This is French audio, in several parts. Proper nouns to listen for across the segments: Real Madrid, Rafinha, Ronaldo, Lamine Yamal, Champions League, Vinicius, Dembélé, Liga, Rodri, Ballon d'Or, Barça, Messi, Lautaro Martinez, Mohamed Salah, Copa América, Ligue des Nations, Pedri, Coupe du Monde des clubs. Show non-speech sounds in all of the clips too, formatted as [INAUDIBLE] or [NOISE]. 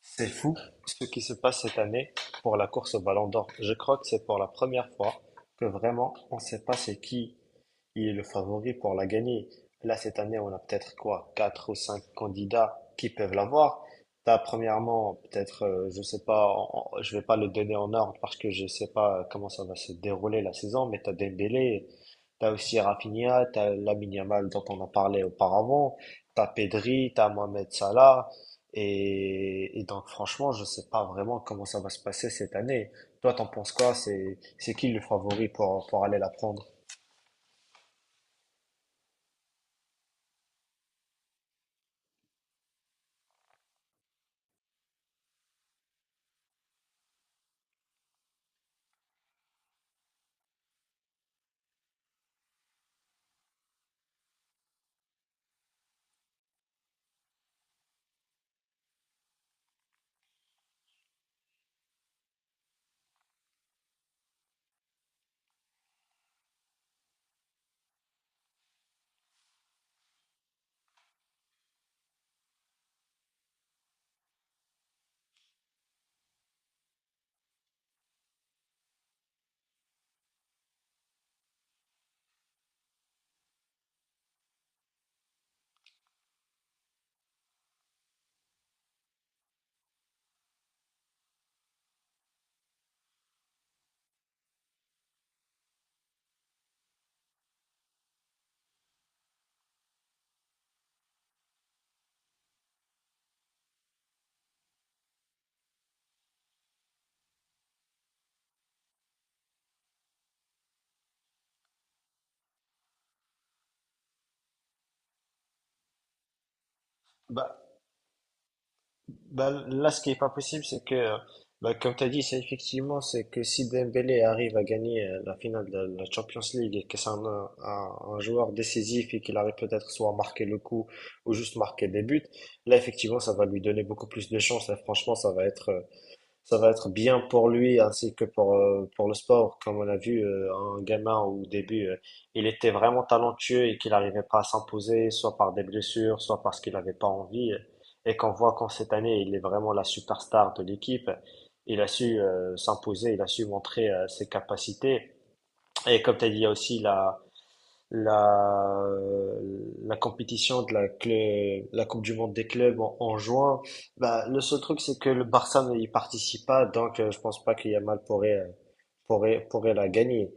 C'est fou ce qui se passe cette année pour la course au Ballon d'Or. Je crois que c'est pour la première fois que vraiment on ne sait pas c'est qui est le favori pour la gagner. Là, cette année, on a peut-être quoi, quatre ou cinq candidats qui peuvent l'avoir. T'as premièrement, peut-être, je sais pas, je vais pas le donner en ordre parce que je sais pas comment ça va se dérouler la saison, mais t'as Dembélé, t'as aussi Rafinha, t'as Lamine Yamal dont on a parlé auparavant, t'as Pedri, t'as Mohamed Salah, et donc, franchement, je sais pas vraiment comment ça va se passer cette année. Toi, t'en penses quoi? C'est qui le favori pour aller la prendre? Bah, bah, là, ce qui est pas possible, c'est que, bah, comme tu as dit, c'est effectivement, c'est que si Dembélé arrive à gagner la finale de la Champions League et que c'est un joueur décisif et qu'il arrive peut-être soit à marquer le coup ou juste marquer des buts, là, effectivement, ça va lui donner beaucoup plus de chance et franchement, ça va être, ça va être bien pour lui ainsi que pour le sport. Comme on a vu un gamin au début, il était vraiment talentueux et qu'il n'arrivait pas à s'imposer, soit par des blessures, soit parce qu'il n'avait pas envie. Et qu'on voit qu'en cette année, il est vraiment la superstar de l'équipe. Il a su s'imposer, il a su montrer ses capacités. Et comme tu as dit, il y a aussi la, la compétition de la Coupe du Monde des clubs en, en juin. Bah, le seul truc, c'est que le Barça n'y participe pas, donc je pense pas que Yamal pourrait, pourrait la gagner.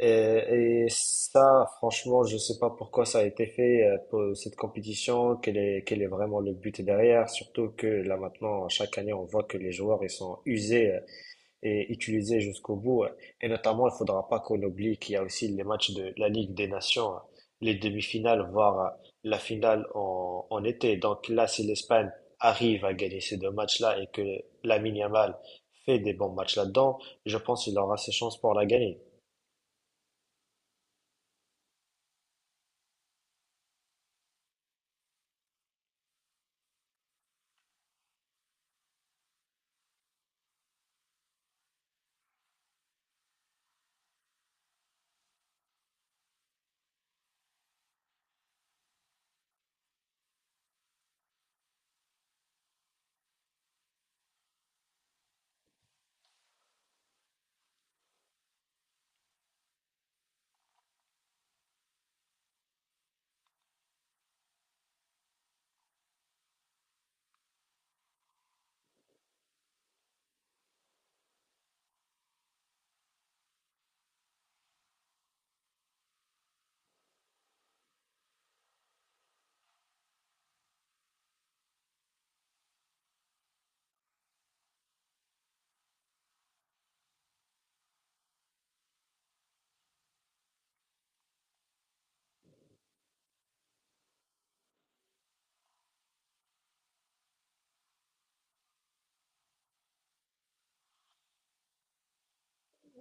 Et ça, franchement, je sais pas pourquoi ça a été fait, pour cette compétition, quel est vraiment le but derrière, surtout que là maintenant, chaque année, on voit que les joueurs, ils sont usés et utiliser jusqu'au bout. Et notamment, il faudra pas qu'on oublie qu'il y a aussi les matchs de la Ligue des Nations, les demi-finales, voire la finale en, en été. Donc là, si l'Espagne arrive à gagner ces deux matchs-là et que Lamine Yamal fait des bons matchs là-dedans, je pense qu'il aura ses chances pour la gagner.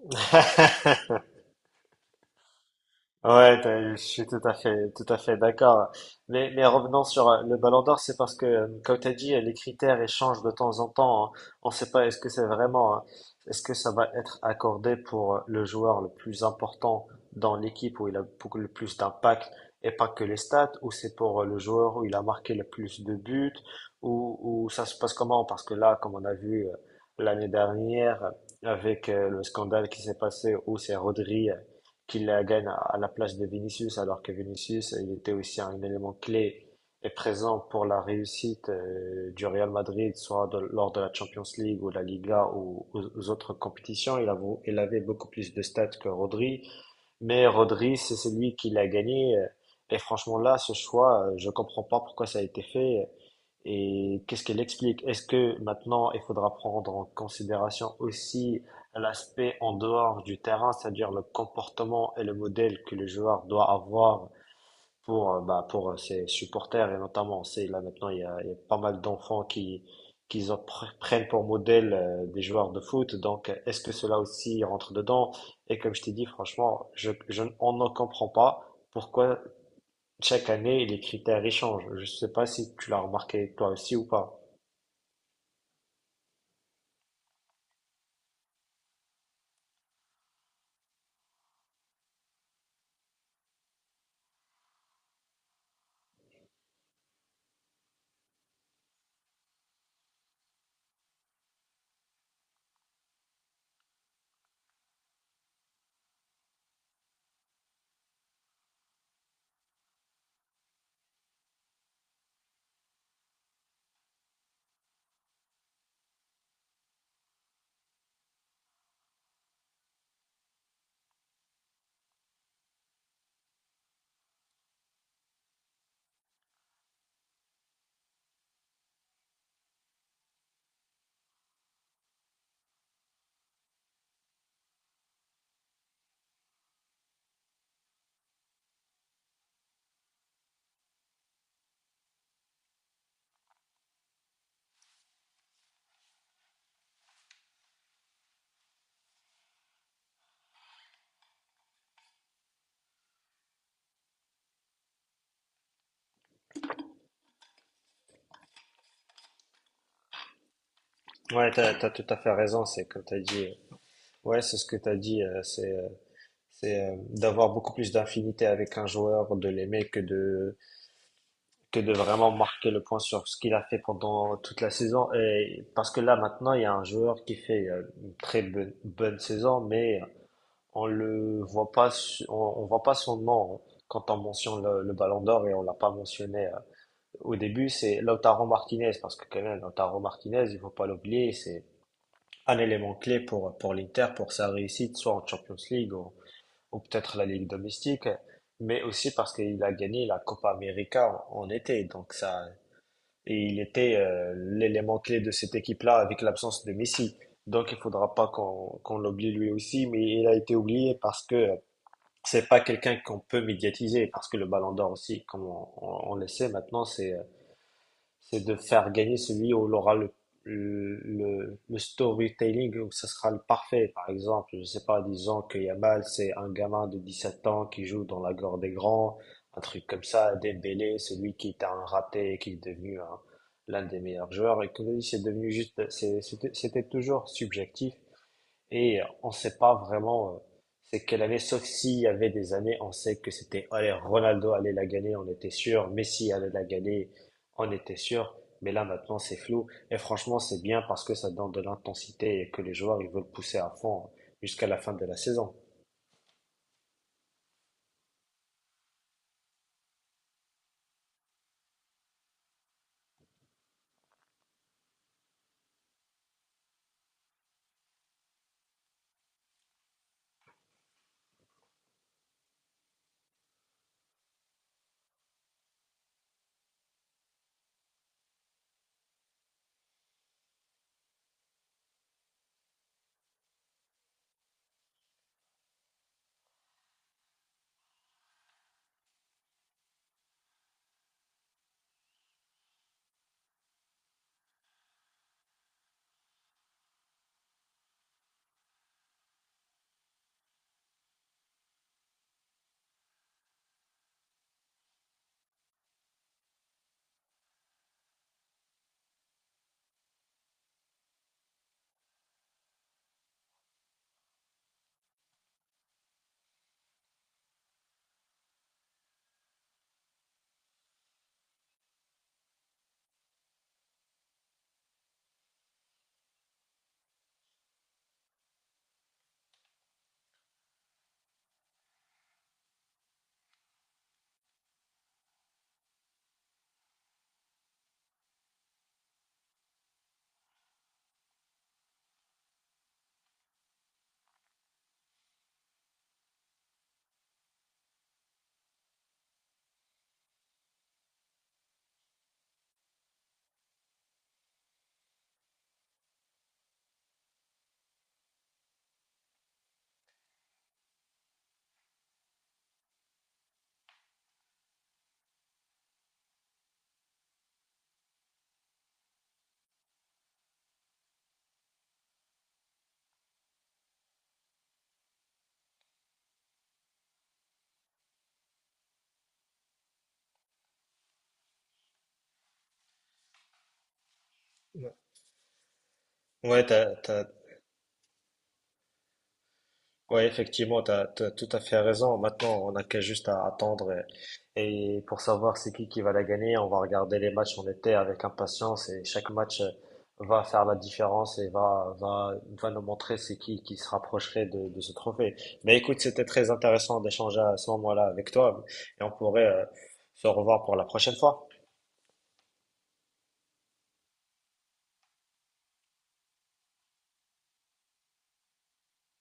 [LAUGHS] Ouais, t'as- je suis tout à fait d'accord. Mais revenons sur le Ballon d'Or, c'est parce que, comme tu as dit, les critères échangent de temps en temps, hein. On ne sait pas est-ce que c'est vraiment, est-ce que ça va être accordé pour le joueur le plus important dans l'équipe où il a beaucoup le plus d'impact et pas que les stats, ou c'est pour le joueur où il a marqué le plus de buts, ou, ou ça se passe comment? Parce que là, comme on a vu l'année dernière avec le scandale qui s'est passé où c'est Rodri qu'il la gagne à la place de Vinicius, alors que Vinicius, il était aussi un élément clé et présent pour la réussite du Real Madrid, soit de- lors de la Champions League ou la Liga ou aux, aux autres compétitions. Il avait beaucoup plus de stats que Rodri. Mais Rodri, c'est lui qui l'a gagné. Et franchement, là, ce choix, je comprends pas pourquoi ça a été fait. Et qu'est-ce qu'elle explique? Est-ce que maintenant, il faudra prendre en considération aussi l'aspect en dehors du terrain, c'est-à-dire le comportement et le modèle que le joueur doit avoir pour, bah, pour ses supporters et notamment, on sait, là maintenant, il y a pas mal d'enfants qui, prennent pour modèle des joueurs de foot. Donc, est-ce que cela aussi rentre dedans? Et comme je t'ai dit, franchement, on ne comprend pas pourquoi chaque année les critères ils changent. Je ne sais pas si tu l'as remarqué toi aussi ou pas. Ouais, t'as tout à fait raison, c'est comme t'as dit. Ouais, c'est ce que t'as dit, c'est d'avoir beaucoup plus d'infinité avec un joueur, de l'aimer que de vraiment marquer le point sur ce qu'il a fait pendant toute la saison. Et parce que là, maintenant, il y a un joueur qui fait une très bonne saison, mais on le voit pas, on voit pas son nom quand on mentionne le Ballon d'Or et on l'a pas mentionné au début. C'est Lautaro Martinez parce que quand même, Lautaro Martinez, il faut pas l'oublier, c'est un élément clé pour l'Inter pour sa réussite, soit en Champions League ou peut-être la Ligue domestique mais aussi parce qu'il a gagné la Copa América en, en été. Donc ça, et il était l'élément clé de cette équipe-là avec l'absence de Messi. Donc il faudra pas qu'on l'oublie lui aussi, mais il a été oublié parce que c'est pas quelqu'un qu'on peut médiatiser, parce que le Ballon d'Or aussi, comme on le sait maintenant, c'est de faire gagner celui où il aura le storytelling, où ça sera le parfait. Par exemple, je sais pas, disons que Yamal, c'est un gamin de 17 ans qui joue dans la gore des grands, un truc comme ça, Dembélé, celui qui était un raté et qui est devenu l'un des meilleurs joueurs. Et que lui, c'est devenu juste, c'était toujours subjectif. Et on ne sait pas vraiment c'est quelle année, sauf s'il y avait des années, on sait que c'était, allez, Ronaldo allait la gagner, on était sûr, Messi allait la gagner, on était sûr, mais là maintenant c'est flou, et franchement c'est bien parce que ça donne de l'intensité et que les joueurs ils veulent pousser à fond jusqu'à la fin de la saison. Ouais, t'as, t'as, Ouais, effectivement, tu as, tout à fait raison. Maintenant, on n'a qu'à juste à attendre pour savoir c'est qui va la gagner, on va regarder les matchs en été avec impatience et chaque match va faire la différence et va nous montrer c'est qui se rapprocherait de ce trophée. Mais écoute, c'était très intéressant d'échanger à ce moment-là avec toi et on pourrait se revoir pour la prochaine fois.